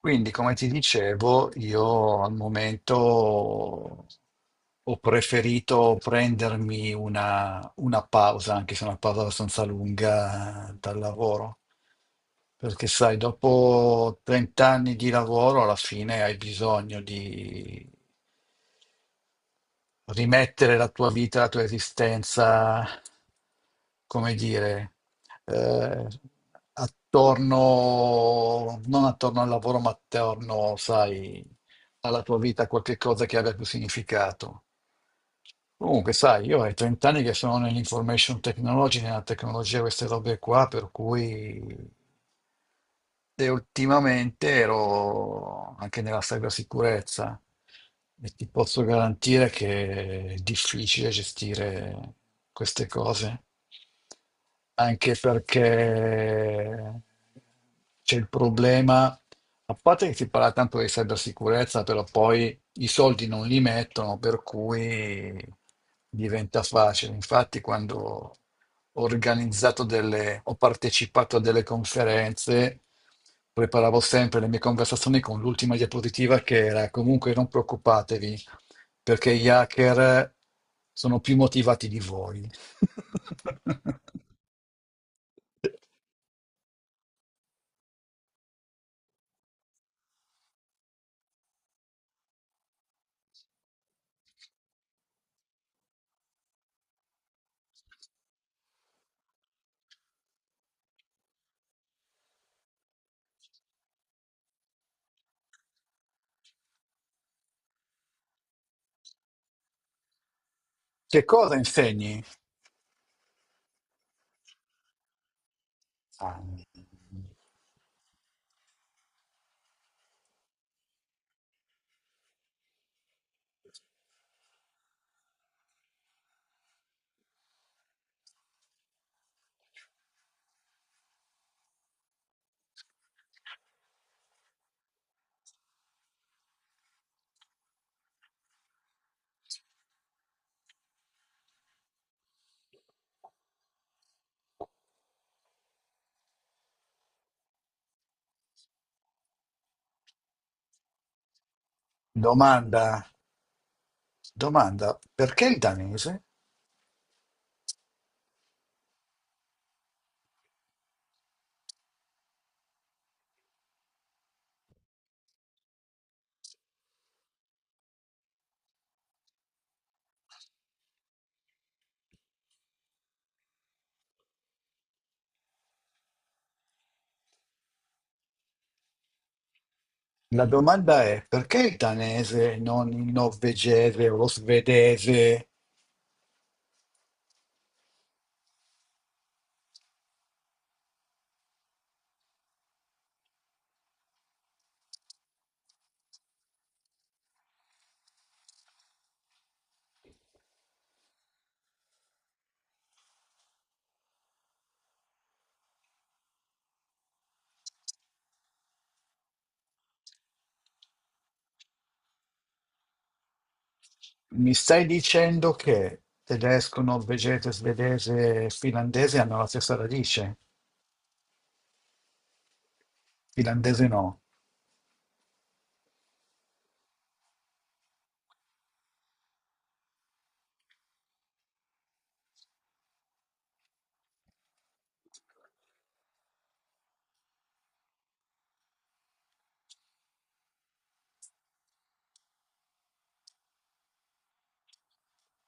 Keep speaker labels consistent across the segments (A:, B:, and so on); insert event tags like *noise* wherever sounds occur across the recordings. A: Quindi, come ti dicevo, io al momento ho preferito prendermi una pausa, anche se una pausa abbastanza lunga, dal lavoro, perché sai, dopo 30 anni di lavoro alla fine hai bisogno di rimettere la tua vita, la tua esistenza, come dire, eh, attorno, non attorno al lavoro, ma attorno, sai, alla tua vita, a qualche cosa che abbia più significato. Comunque, sai, io ho 30 anni che sono nell'information technology, nella tecnologia, queste robe qua, per cui e ultimamente ero anche nella cybersicurezza e ti posso garantire che è difficile gestire queste cose, anche perché c'è il problema, a parte che si parla tanto di cybersicurezza, però poi i soldi non li mettono, per cui diventa facile. Infatti, quando ho partecipato a delle conferenze, preparavo sempre le mie conversazioni con l'ultima diapositiva che era comunque non preoccupatevi, perché gli hacker sono più motivati di voi. *laughs* Che cosa insegni? Ah. Domanda. Domanda, perché il danese? La domanda è, perché il danese e non il norvegese o lo svedese? Mi stai dicendo che tedesco, norvegese, svedese e finlandese hanno la stessa radice? Finlandese no.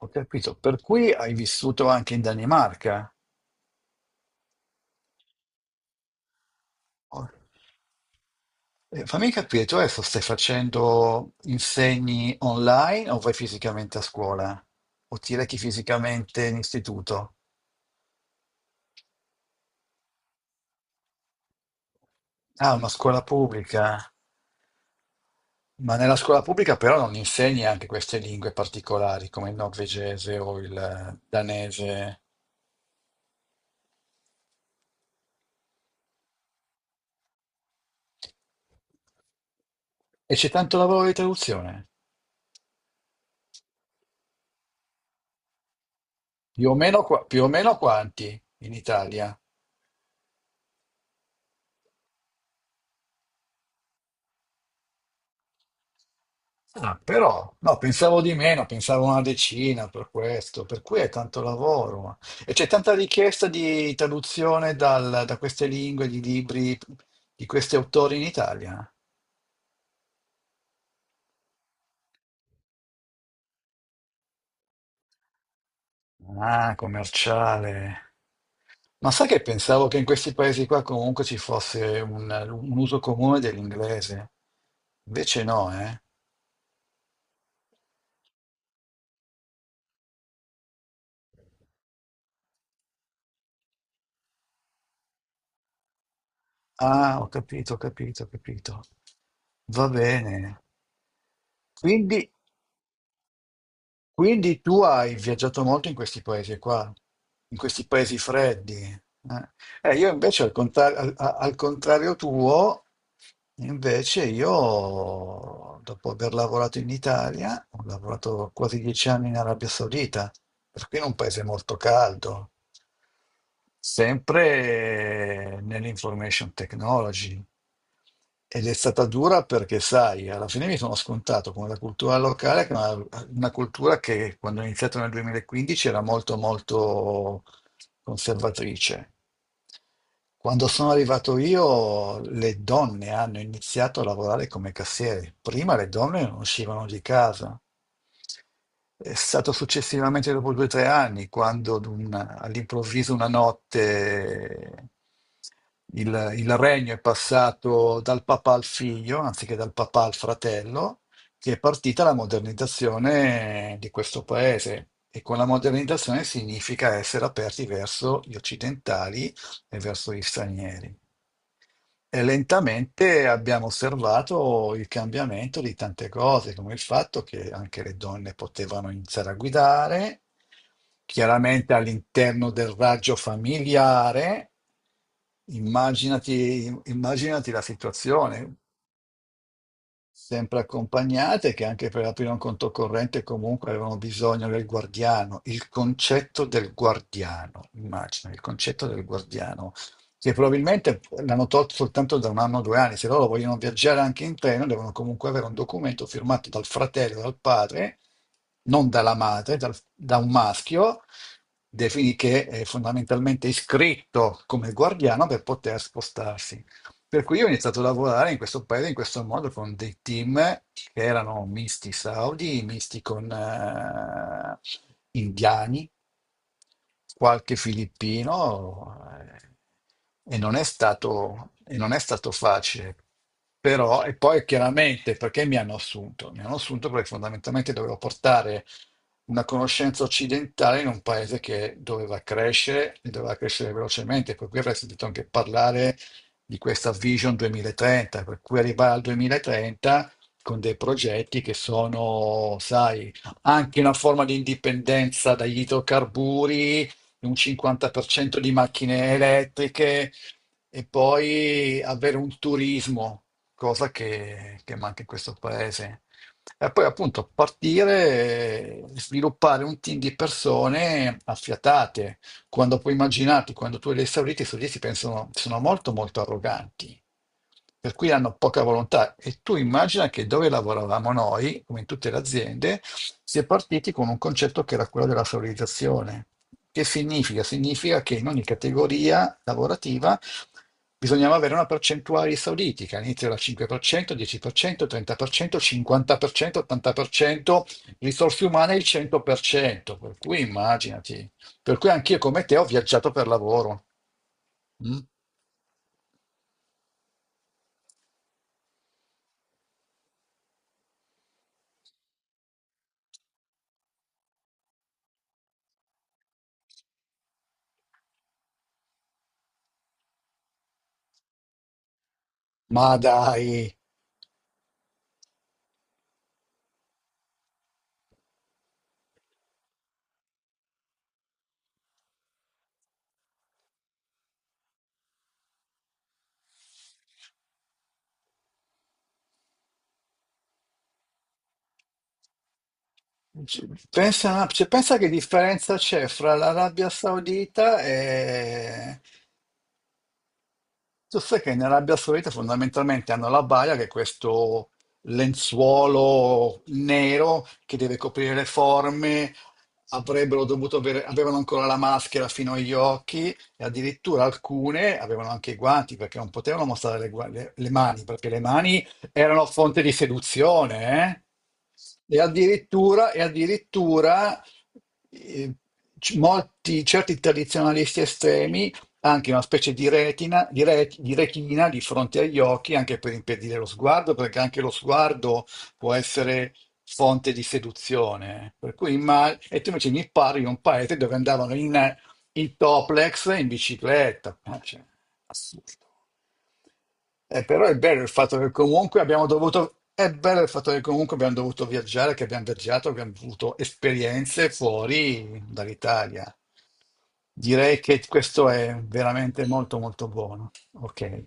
A: Ho capito. Per cui hai vissuto anche in Danimarca? Ho- Fammi capire, tu adesso stai facendo insegni online o vai fisicamente a scuola? O ti rechi fisicamente in istituto? Ah, una scuola pubblica, ma nella scuola pubblica però non insegni anche queste lingue particolari come il norvegese o il danese. E c'è tanto lavoro di traduzione? Più o meno, più o meno quanti in Italia? Ah, però, no, pensavo di meno, pensavo una decina per questo, per cui è tanto lavoro. E c'è tanta richiesta di traduzione da queste lingue, di libri, di questi autori in Italia? Ah, commerciale. Ma sai che pensavo che in questi paesi qua comunque ci fosse un uso comune dell'inglese? Invece no, eh? Ah, ho capito, ho capito, ho capito. Va bene. Quindi Quindi tu hai viaggiato molto in questi paesi qua, in questi paesi freddi. Io invece al contrario tuo, invece io dopo aver lavorato in Italia, ho lavorato quasi 10 anni in Arabia Saudita, perché in un paese molto caldo, sempre nell'information technology. Ed è stata dura perché, sai, alla fine mi sono scontato con la cultura locale, che è una cultura che quando ho iniziato nel 2015 era molto, molto conservatrice. Quando sono arrivato io, le donne hanno iniziato a lavorare come cassiere. Prima le donne non uscivano di casa. È stato successivamente, dopo 2 o 3 anni, quando all'improvviso una notte il regno è passato dal papà al figlio, anziché dal papà al fratello, che è partita la modernizzazione di questo paese. E con la modernizzazione significa essere aperti verso gli occidentali e verso gli stranieri. E lentamente abbiamo osservato il cambiamento di tante cose, come il fatto che anche le donne potevano iniziare a guidare, chiaramente all'interno del raggio familiare. Immaginati, immaginati la situazione sempre accompagnate, che anche per aprire un conto corrente comunque avevano bisogno del guardiano, il concetto del guardiano, immagina, il concetto del guardiano, che probabilmente l'hanno tolto soltanto da un anno o due anni, se loro vogliono viaggiare anche in treno devono comunque avere un documento firmato dal fratello, dal padre, non dalla madre, da un maschio, defini che è fondamentalmente iscritto come guardiano per poter spostarsi. Per cui io ho iniziato a lavorare in questo paese in questo modo con dei team che erano misti saudi, misti con indiani, qualche filippino e non è stato facile. Però, e poi chiaramente perché mi hanno assunto? Mi hanno assunto perché fondamentalmente dovevo portare una conoscenza occidentale in un paese che doveva crescere e doveva crescere velocemente, per cui avrei sentito anche parlare di questa Vision 2030, per cui arrivare al 2030 con dei progetti che sono, sai, anche una forma di indipendenza dagli idrocarburi, un 50% di macchine elettriche e poi avere un turismo, cosa che manca in questo paese. E poi appunto partire, sviluppare un team di persone affiatate, quando puoi immaginarti, quando tu li hai esauriti, i suddizi pensano, sono molto molto arroganti, per cui hanno poca volontà. E tu immagina che dove lavoravamo noi, come in tutte le aziende, si è partiti con un concetto che era quello della valorizzazione. Che significa? Significa che in ogni categoria lavorativa bisognava avere una percentuale di esauriti, che all'inizio era 5%, 10%, 30%, 50%, 80%, risorse umane il 100%, per cento, per cui immaginati. Per cui anch'io come te ho viaggiato per lavoro. Mm? Ma dai, pensa, cioè, pensa che differenza c'è fra l'Arabia Saudita e, tu sai che in Arabia Saudita fondamentalmente hanno la baia, che è questo lenzuolo nero che deve coprire le forme, avrebbero dovuto avere, avevano ancora la maschera fino agli occhi e addirittura alcune avevano anche i guanti perché non potevano mostrare le mani, perché le mani erano fonte di seduzione, eh? E addirittura, eh, molti, certi tradizionalisti estremi anche una specie di retina, di retina di fronte agli occhi, anche per impedire lo sguardo, perché anche lo sguardo può essere fonte di seduzione. Per cui e tu invece mi parli di un paese dove andavano in toplex e in bicicletta. Ah, cioè, assurdo. Però è bello il fatto che comunque abbiamo dovuto viaggiare, che abbiamo viaggiato, abbiamo avuto esperienze fuori dall'Italia. Direi che questo è veramente molto molto buono. Ok.